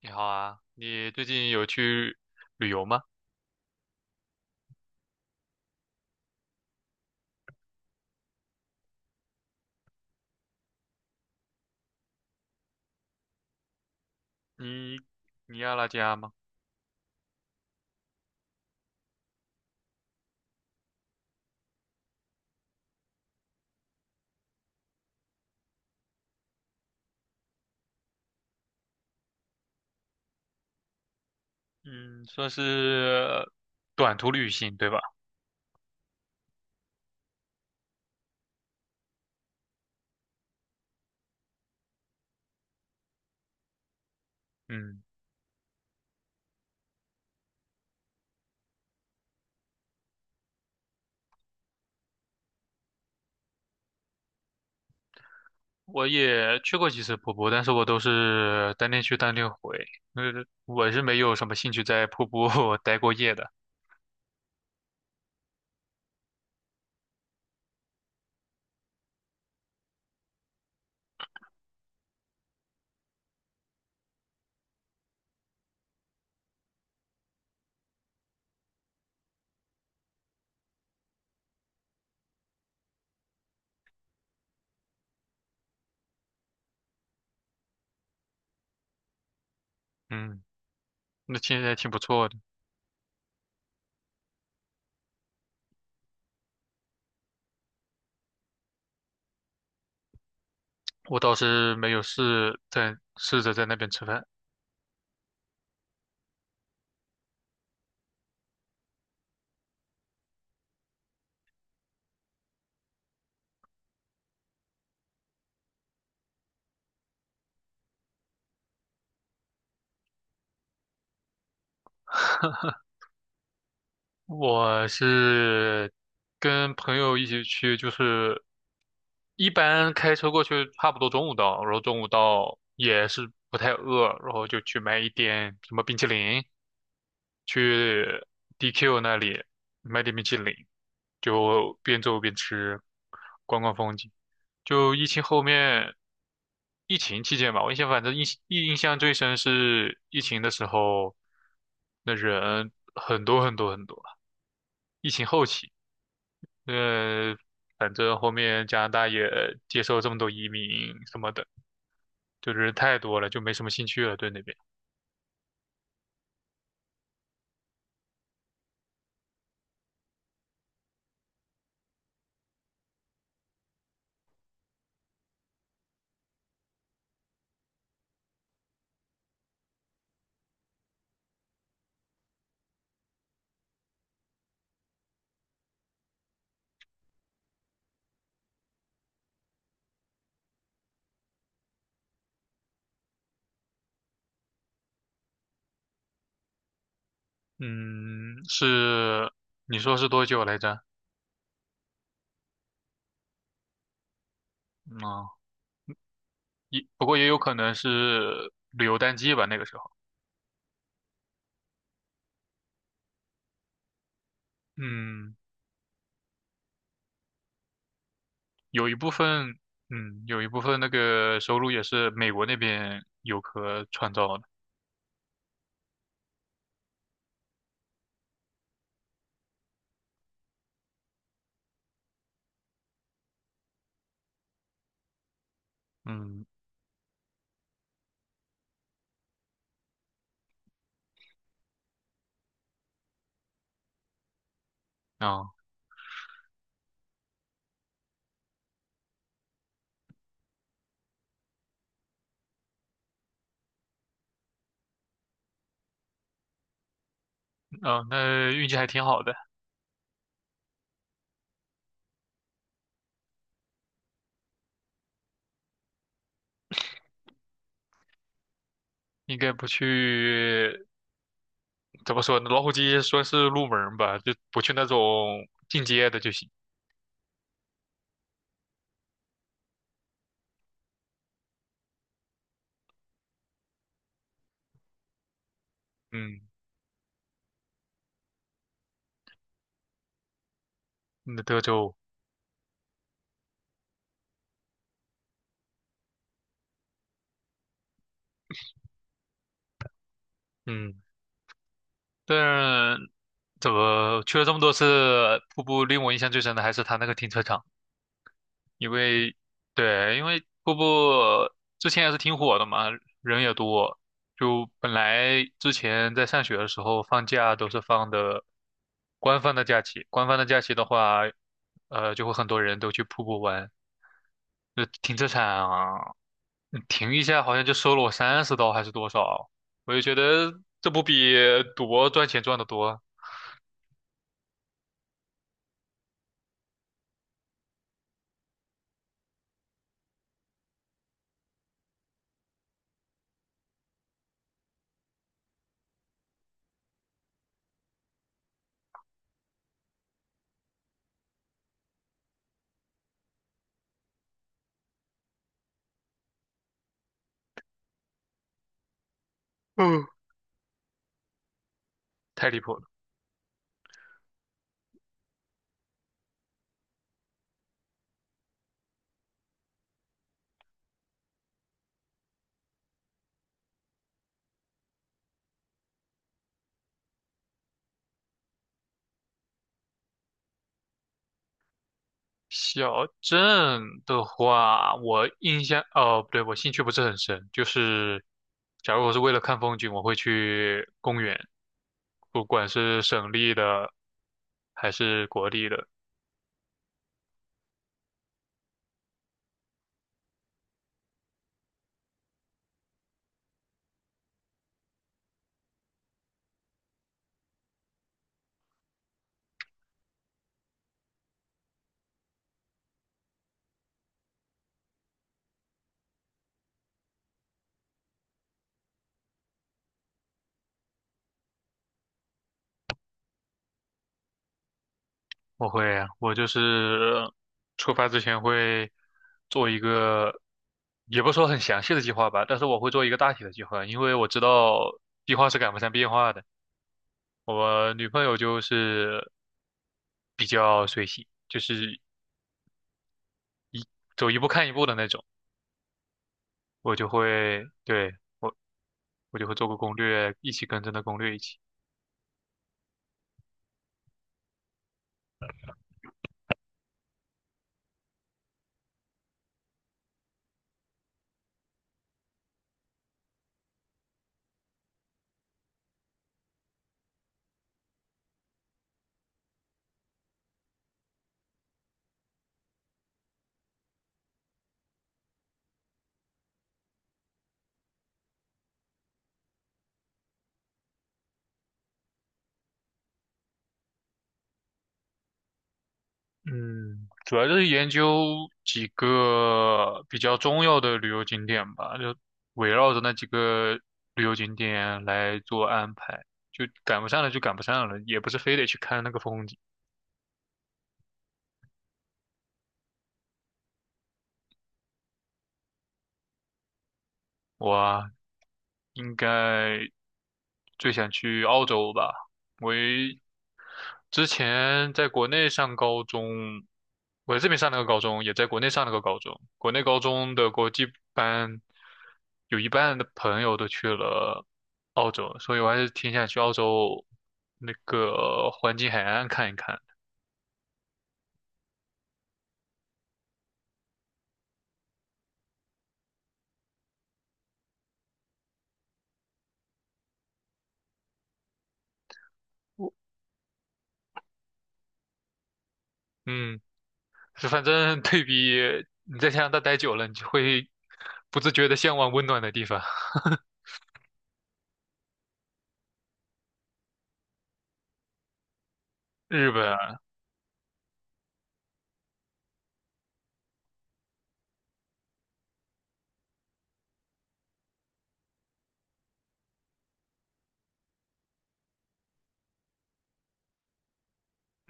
你好啊，你最近有去旅游吗？你尼亚拉加吗？嗯，算是短途旅行，对吧？嗯，我也去过几次瀑布，但是我都是当天去当天回，呃，我是没有什么兴趣在瀑布 待过夜的。嗯，那其实还挺不错的。我倒是没有试着在那边吃饭，我是跟朋友一起去，就是一般开车过去差不多中午到，然后中午到也是不太饿，然后就去买一点什么冰淇淋，去 DQ 那里买点冰淇淋，就边走边吃，逛逛风景。就疫情后面，疫情期间吧，我印象反正印象最深是疫情的时候，那人很多很多很多。疫情后期，呃，反正后面加拿大也接受这么多移民什么的，就是太多了，就没什么兴趣了，对那边。嗯，是，你说是多久来着？嗯，也不过也有可能是旅游淡季吧，那个时候。嗯，有一部分，有一部分那个收入也是美国那边游客创造的。嗯，啊、啊、那运气还挺好的，应该不去怎么说呢？老虎机说是入门儿吧，就不去那种进阶的就行。嗯，那德州，嗯，但怎么去了这么多次瀑布，令我印象最深的还是它那个停车场，因为对，因为瀑布之前也是挺火的嘛，人也多。就本来之前在上学的时候放假都是放的官方的假期，官方的假期的话，就会很多人都去瀑布玩，就停车场啊停一下好像就收了我30刀还是多少，我就觉得这不比赌博赚钱赚得多，嗯，太离谱了。小镇的话，我印象，哦，不对，我兴趣不是很深，就是假如我是为了看风景，我会去公园，不管是省立的还是国立的。我会，我就是出发之前会做一个，也不说很详细的计划吧，但是我会做一个大体的计划，因为我知道计划是赶不上变化的。我女朋友就是比较随性，就是走一步看一步的那种，我就会，对，我我就会做个攻略，一起跟着那攻略一起。嗯，主要就是研究几个比较重要的旅游景点吧，就围绕着那几个旅游景点来做安排，就赶不上了就赶不上了，也不是非得去看那个风景。我啊应该最想去澳洲吧，我也之前在国内上高中，我在这边上了个高中，也在国内上了个高中。国内高中的国际班，有一半的朋友都去了澳洲，所以我还是挺想去澳洲那个黄金海岸看一看。嗯，是反正对比你在加拿大待久了，你就会不自觉的向往温暖的地方。日本啊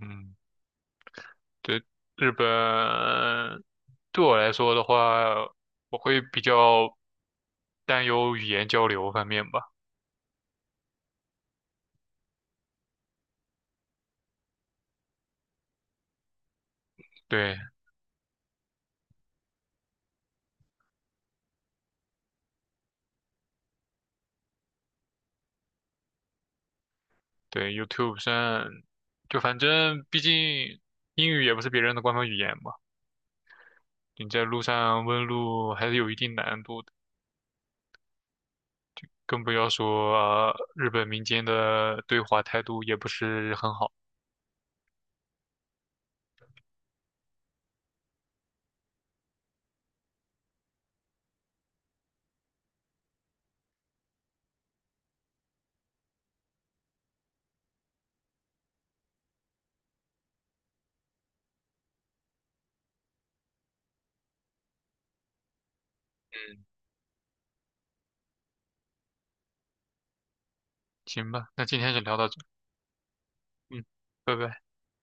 嗯，对，日本对我来说的话，我会比较。担忧语言交流方面吧。对对，YouTube 上就反正毕竟英语也不是别人的官方语言嘛，你在路上问路还是有一定难度的，更不要说，日本民间的对华态度也不是很好。嗯，行吧，那今天就聊到这，嗯，拜拜。